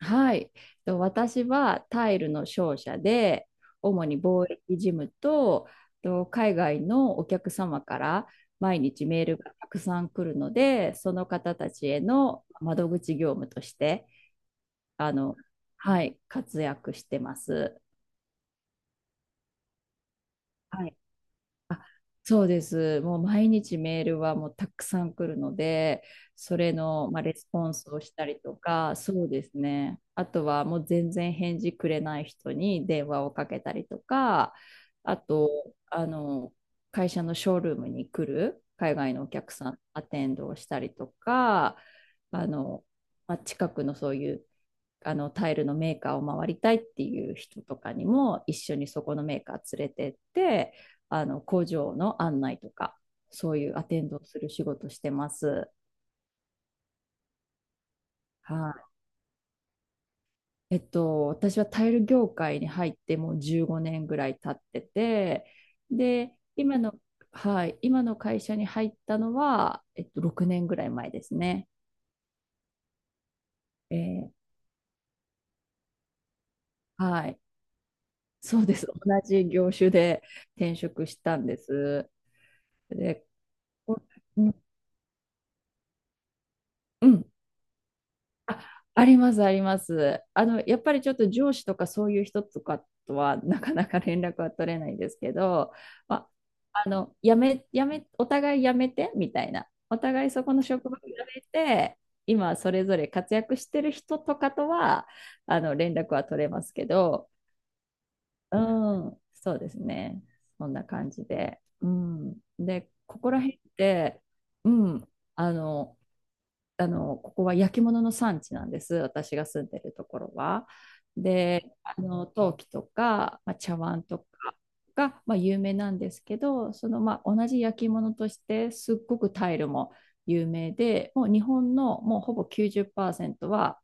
はい。私はタイルの商社で、主に貿易事務と、海外のお客様から毎日メールがたくさん来るので、その方たちへの窓口業務として、あの、はい、活躍してます。はい、あそうです。もう毎日メールはもうたくさん来るので、それの、まあ、レスポンスをしたりとか、そうですね。あとはもう全然返事くれない人に電話をかけたりとか、あと、あの、会社のショールームに来る海外のお客さん、アテンドをしたりとか、あの、まあ、近くのそういうタイルのメーカーを回りたいっていう人とかにも一緒にそこのメーカー連れてって、あの工場の案内とかそういうアテンドをする仕事してます。はい、えっと、私はタイル業界に入ってもう15年ぐらい経ってて、で、はい、今の会社に入ったのは、えっと、6年ぐらい前ですね。えーはい、そうです。同じ業種で転職したんです。で、こうん、うんあ、あります、あります。あの、やっぱりちょっと上司とかそういう人とかとはなかなか連絡は取れないんですけど、まあ、あの、やめ、やめ、お互いやめて、みたいな。お互いそこの職場をやめて、今それぞれ活躍してる人とかとは、あの、連絡は取れますけど、うん、そうですね。そんな感じで。うん。で、ここら辺って、うん、あの、ここは焼き物の産地なんです。私が住んでるところは。で、あの、陶器とか、まあ、茶碗とかが、まあ、有名なんですけど、その、まあ、同じ焼き物として、すっごくタイルも有名で、もう日本のもうほぼ90%は、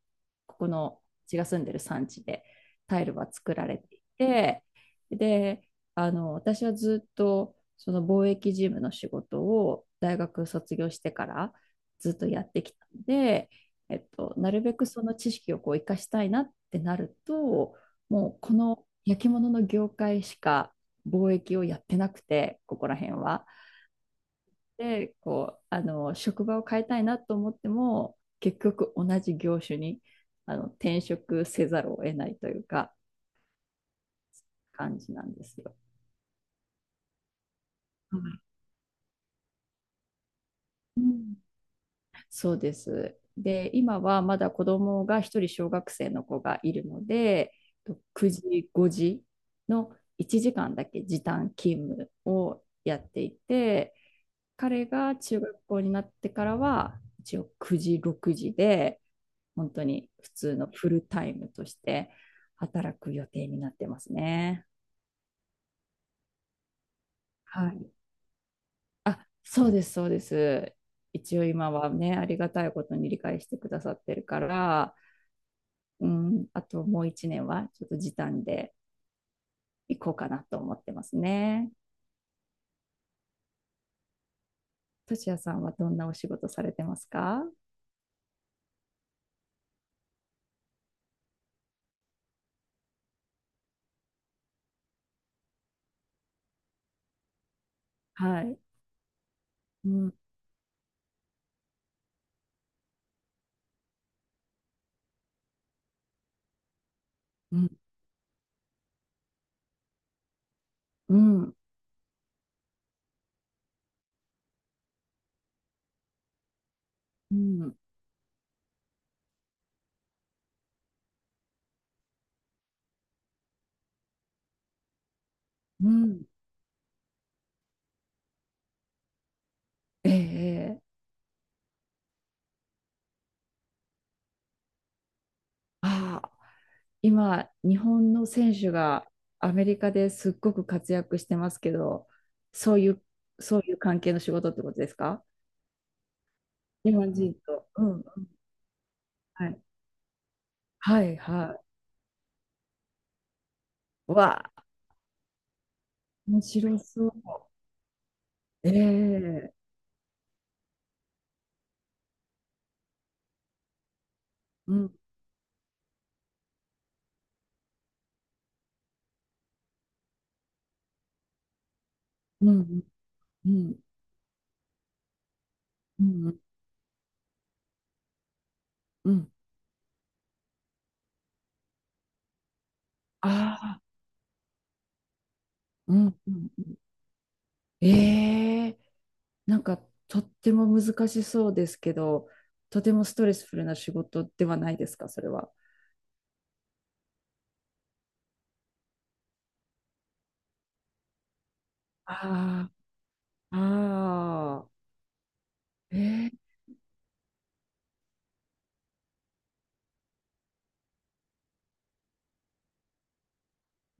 ここの、私が住んでる産地でタイルは作られていて、で、あの、私はずっと、その貿易事務の仕事を大学卒業してからずっとやってきたので、えっと、なるべくその知識をこう生かしたいなってなると、もうこの焼き物の業界しか貿易をやってなくて、ここら辺は。で、こう、あの、職場を変えたいなと思っても、結局同じ業種にあの転職せざるを得ないというか、感じなんですよ。はい。うんそうです。で、今はまだ子供が一人、小学生の子がいるので、9時、5時の1時間だけ時短勤務をやっていて、彼が中学校になってからは、一応9時、6時で、本当に普通のフルタイムとして働く予定になってますね。はい。あ、そうです、そうです。一応今はね、ありがたいことに理解してくださってるから、うん、あともう一年はちょっと時短で行こうかなと思ってますね。としやさんはどんなお仕事されてますか？はい。うん、うん、うん、うん、うん。ええ。ああ、今、日本の選手がアメリカですっごく活躍してますけど、そういう、そういう関係の仕事ってことですか？日本人と。うん。はい。はい、はい。わあ、面白そう。ええ。うん、うん、うん、うん、うん。うん。ああ、うん、うん。ええ。なんかとっても難しそうですけど、とてもストレスフルな仕事ではないですか、それは。ああ、ああ、ええ、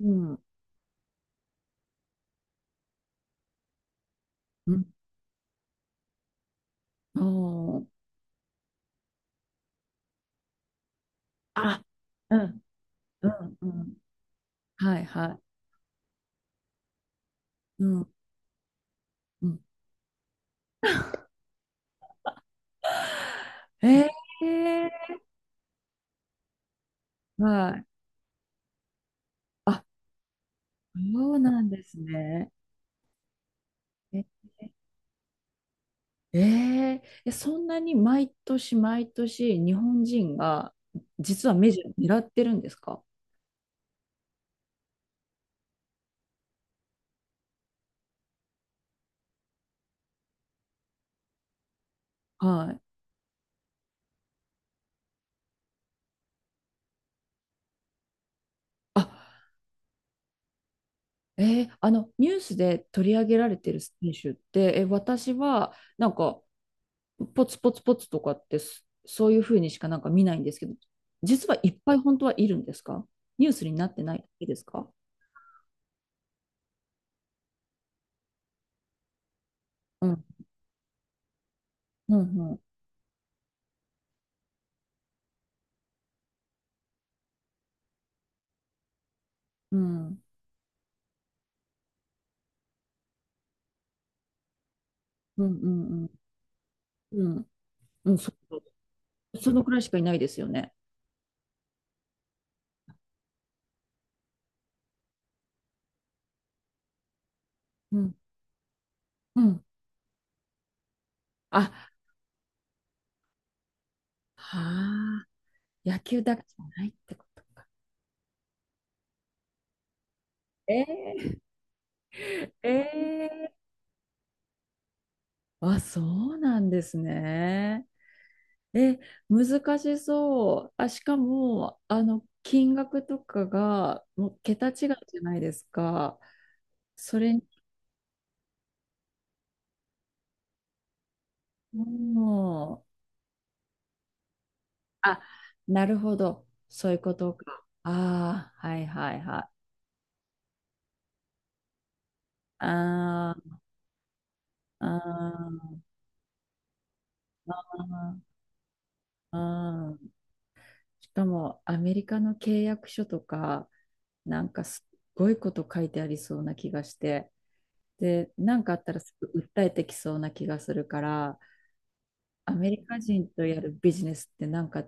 うん、うん、おー、あ、うん、うん、うん、はい、はい、うん、うん。ええ。はい。あ、そうなんですね。ええ、ええ、そんなに毎年毎年日本人が実はメジャー狙ってるんですか？はい。あ、ええ、あのニュースで取り上げられてる選手って、え、私はなんかポツポツポツとかって、そういうふうにしかなんか見ないんですけど、実はいっぱい本当はいるんですか？ニュースになってないだけですか？うん、うん、うん、うん、うん、うん、うん、うん、うんそ、そのくらいしかいないですよね。うん、うん。あ、はあ。野球だけじゃないってことか。えー、えー、あ、そうなんですね。え、難しそう。あ、しかも、あの、金額とかが、もう桁違いじゃないですか。それに、もう、あ、なるほど。そういうことか。ああ、はいはいはい。あー、あー、あー、あー、しかも、アメリカの契約書とか、なんかすっごいこと書いてありそうな気がして、で、なんかあったらすぐ訴えてきそうな気がするから、アメリカ人とやるビジネスってなんか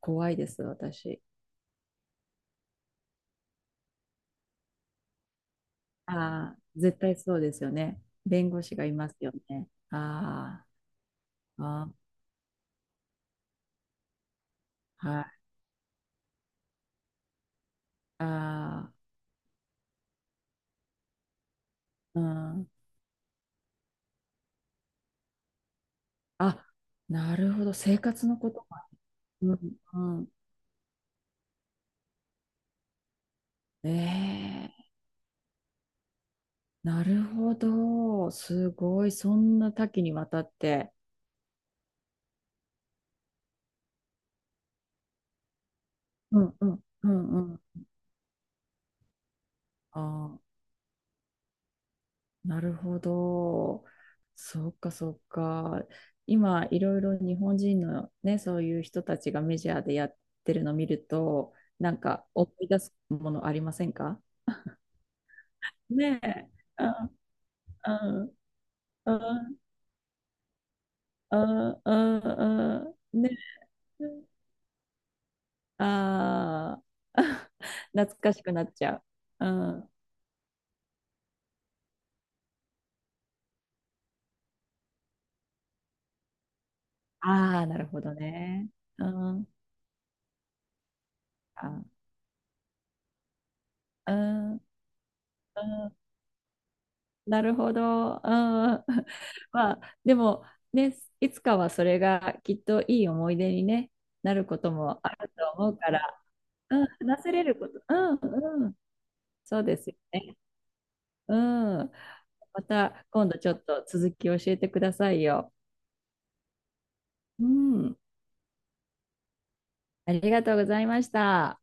怖いです、私。ああ、絶対そうですよね。弁護士がいますよね。ああ、ああ、はい。ああ、うん。あ、なるほど。生活のことか。うん、うん。ええ、なるほど。すごい。そんな多岐にわたって。うん、うん、うん、うん。あー、なるほど。そっかそっか。今、いろいろ日本人のね、そういう人たちがメジャーでやってるの見ると、なんか思い出すものありませんか？ねえ。うんうんうんうんうんうん、ねえ。ああ、懐かしくなっちゃう。うん。ああ、なるほどね。うん。あ、うん。うん。なるほど。うん。まあ、でも、ね、いつかはそれがきっといい思い出に、ね、なることもあると思うから、うん、話せれること、うん、うん、そうですよね。うん。また今度ちょっと続き教えてくださいよ。うん。ありがとうございました。